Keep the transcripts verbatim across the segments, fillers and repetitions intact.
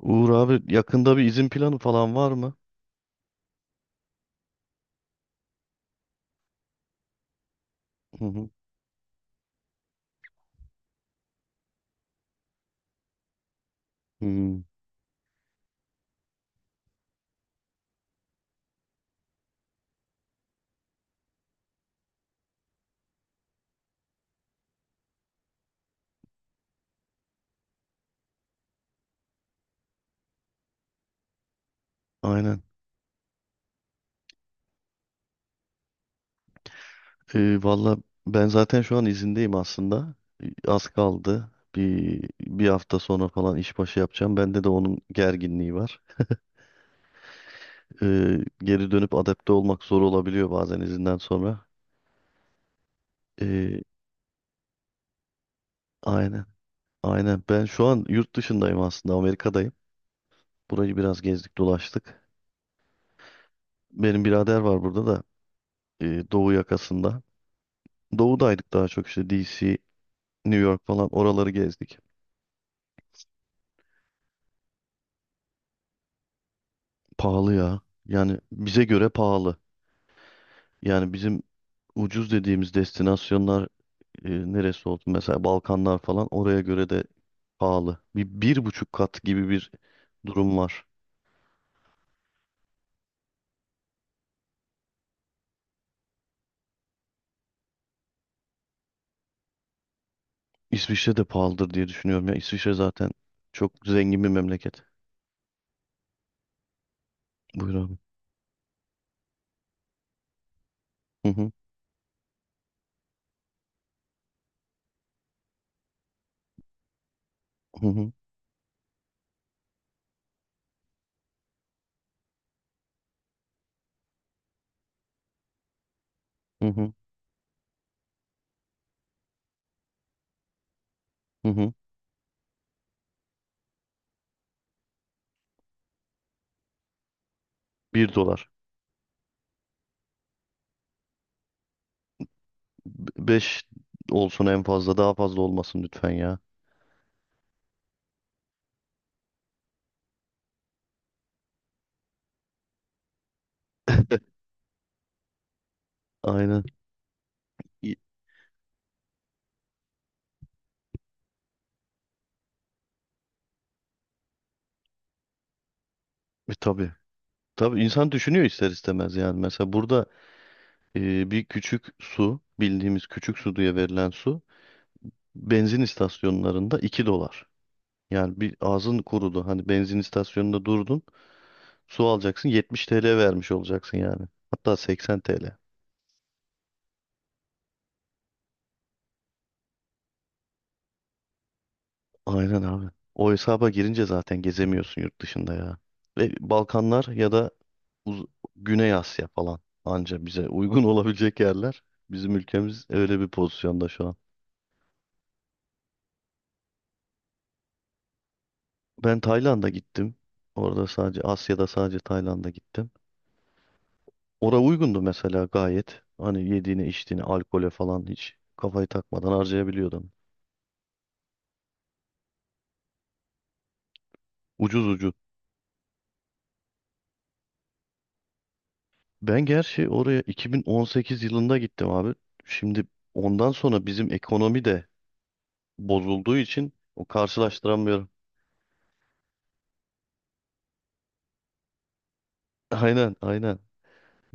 Uğur abi yakında bir izin planı falan var mı? Hı hı. Hmm, aynen. Ee, valla ben zaten şu an izindeyim aslında. Ee, Az kaldı. Bir, bir hafta sonra falan işbaşı yapacağım. Bende de onun gerginliği var. Ee, geri dönüp adapte olmak zor olabiliyor bazen izinden sonra. Ee, aynen. Aynen. Ben şu an yurt dışındayım aslında. Amerika'dayım. Burayı biraz gezdik dolaştık. Benim birader var burada da. e, Doğu yakasında. Doğudaydık daha çok işte D C, New York falan oraları gezdik. Pahalı ya. Yani bize göre pahalı. Yani bizim ucuz dediğimiz destinasyonlar e, neresi oldu? Mesela Balkanlar falan oraya göre de pahalı. Bir, bir buçuk kat gibi bir durum var. İsviçre de pahalıdır diye düşünüyorum. Ya İsviçre zaten çok zengin bir memleket. Buyur abi. Hı hı, hı hı, hı hı, hı hı. Bir dolar. Be- Beş olsun en fazla. Daha fazla olmasın lütfen ya. Aynen. İ- E, tabii. Tabii insan düşünüyor ister istemez yani. Mesela burada e, bir küçük su, bildiğimiz küçük su diye verilen su benzin istasyonlarında iki dolar. Yani bir ağzın kurudu. Hani benzin istasyonunda durdun, su alacaksın yetmiş T L vermiş olacaksın yani. Hatta seksen T L. Aynen abi. O hesaba girince zaten gezemiyorsun yurt dışında ya. Ve Balkanlar ya da Uz- Güney Asya falan anca bize uygun olabilecek yerler. Bizim ülkemiz öyle bir pozisyonda şu an. Ben Tayland'a gittim. Orada sadece Asya'da sadece Tayland'a gittim. Ora uygundu mesela gayet. Hani yediğine içtiğine alkole falan hiç kafayı takmadan harcayabiliyordun. Ucuz ucuz. Ben gerçi oraya iki bin on sekiz yılında gittim abi. Şimdi ondan sonra bizim ekonomi de bozulduğu için o karşılaştıramıyorum. Aynen aynen.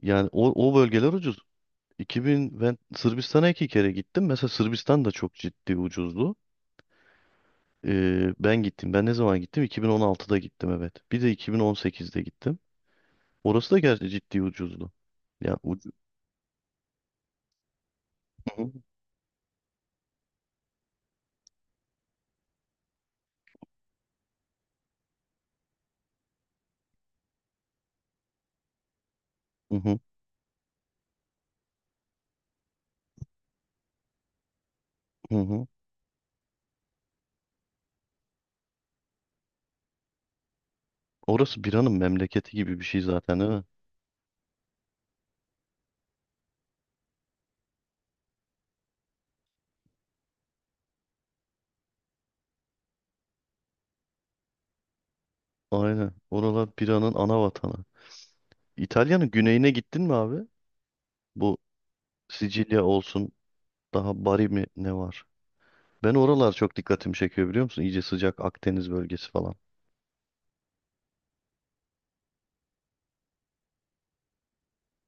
Yani o, o bölgeler ucuz. iki binde ben Sırbistan'a iki kere gittim. Mesela Sırbistan da çok ciddi ucuzdu. Ee, ben gittim. Ben ne zaman gittim? iki bin on altıda gittim, evet. Bir de iki bin on sekizde gittim. Orası da gerçi ciddi ucuzdu. Ya ucu... Hı hı, hı hı. Hı. Orası biranın memleketi gibi bir şey zaten değil mi? Aynen. Oralar biranın ana vatanı. İtalya'nın güneyine gittin mi abi? Bu Sicilya olsun daha Bari mi ne var? Ben oralar çok dikkatimi çekiyor biliyor musun? İyice sıcak Akdeniz bölgesi falan.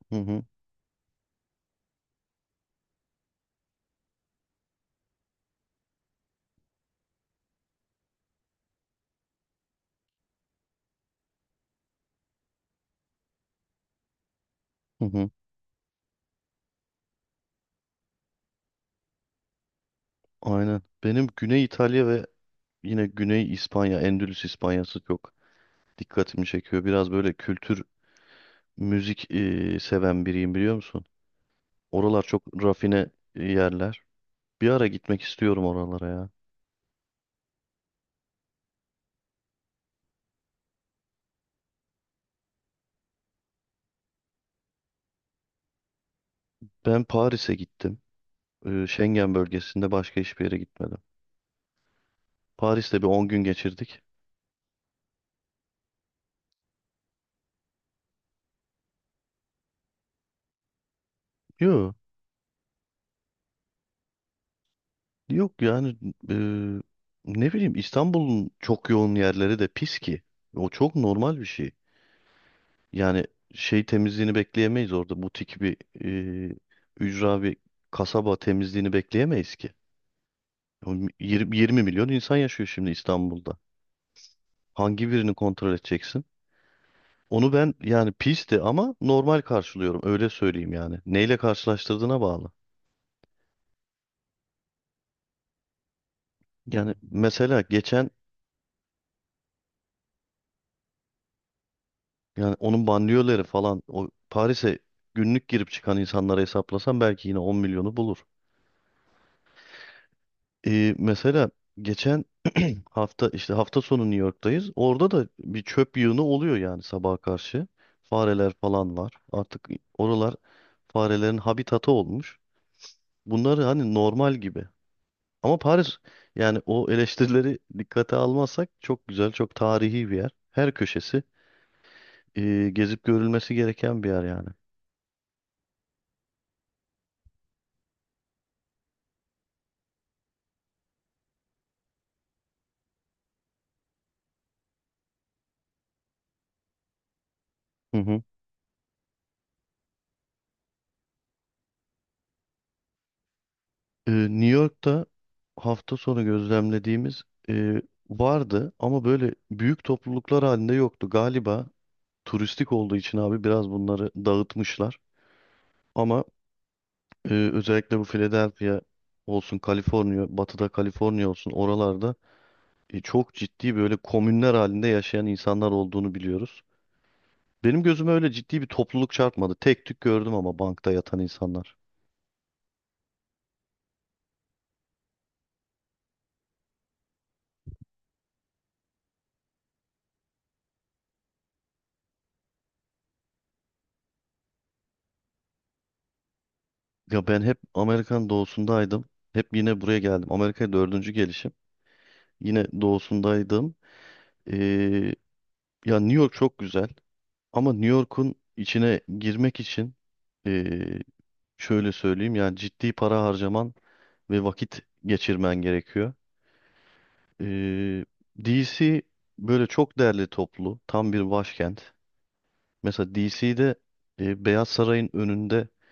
Hı hı, hı hı. Aynen. Benim Güney İtalya ve yine Güney İspanya, Endülüs İspanyası çok dikkatimi çekiyor. Biraz böyle kültür, müzik e, seven biriyim biliyor musun? Oralar çok rafine yerler. Bir ara gitmek istiyorum oralara ya. Ben Paris'e gittim. E, Schengen bölgesinde başka hiçbir yere gitmedim. Paris'te bir on gün geçirdik. Yok, yok yani e, ne bileyim İstanbul'un çok yoğun yerleri de pis ki. O çok normal bir şey. Yani şey temizliğini bekleyemeyiz orada. Butik bir e, ücra bir kasaba temizliğini bekleyemeyiz ki. Oğlum yirmi, yirmi milyon insan yaşıyor şimdi İstanbul'da. Hangi birini kontrol edeceksin? Onu ben yani pisti ama normal karşılıyorum öyle söyleyeyim yani. Neyle karşılaştırdığına bağlı. Yani mesela geçen yani onun banliyöleri falan o Paris'e günlük girip çıkan insanlara hesaplasam belki yine on milyonu bulur. Ee, mesela geçen hafta işte hafta sonu New York'tayız. Orada da bir çöp yığını oluyor yani sabaha karşı. Fareler falan var. Artık oralar farelerin habitatı olmuş. Bunlar hani normal gibi. Ama Paris yani o eleştirileri dikkate almazsak çok güzel, çok tarihi bir yer. Her köşesi e, gezip görülmesi gereken bir yer yani. Hı hı. E, New York'ta hafta sonu gözlemlediğimiz e, vardı ama böyle büyük topluluklar halinde yoktu. Galiba turistik olduğu için abi biraz bunları dağıtmışlar. Ama e, özellikle bu Philadelphia olsun, Kaliforniya, batıda Kaliforniya olsun oralarda e, çok ciddi böyle komünler halinde yaşayan insanlar olduğunu biliyoruz. Benim gözüme öyle ciddi bir topluluk çarpmadı. Tek tük gördüm ama bankta yatan insanlar. Ya ben hep Amerikan doğusundaydım. Hep yine buraya geldim. Amerika'ya dördüncü gelişim. Yine doğusundaydım. Ee, ya New York çok güzel. Ama New York'un içine girmek için ee, şöyle söyleyeyim. Yani ciddi para harcaman ve vakit geçirmen gerekiyor. Ee, D C böyle çok değerli toplu, tam bir başkent. Mesela D C'de e, Beyaz Saray'ın önündeki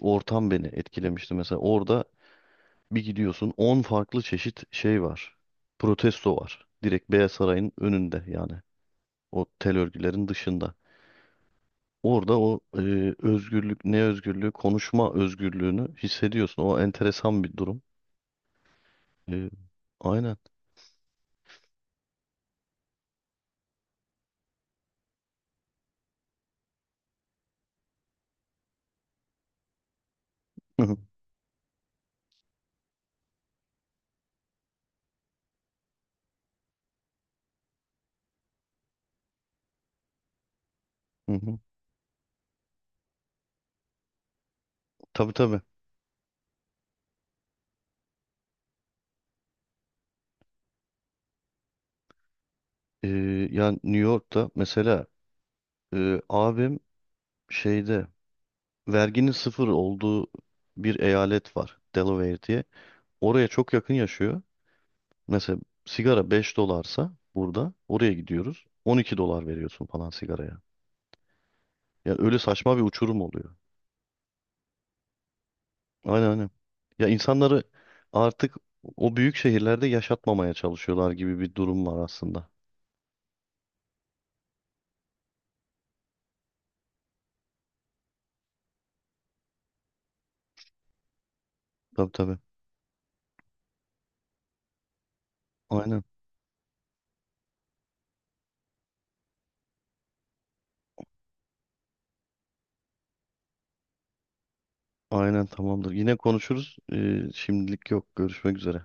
ortam beni etkilemişti. Mesela orada bir gidiyorsun on farklı çeşit şey var. Protesto var. Direkt Beyaz Saray'ın önünde yani. O tel örgülerin dışında. Orada o e, özgürlük, ne özgürlüğü, konuşma özgürlüğünü hissediyorsun. O enteresan bir durum. E, aynen. Hı hı. Tabii tabii. E, yani New York'ta mesela Ee, abim şeyde verginin sıfır olduğu bir eyalet var. Delaware diye. Oraya çok yakın yaşıyor. Mesela sigara beş dolarsa burada oraya gidiyoruz. On iki dolar veriyorsun falan sigaraya. Ya öyle saçma bir uçurum oluyor. Aynen aynen. Ya insanları artık o büyük şehirlerde yaşatmamaya çalışıyorlar gibi bir durum var aslında. Tabii tabii. Aynen. Aynen tamamdır. Yine konuşuruz. Ee, şimdilik yok. Görüşmek üzere.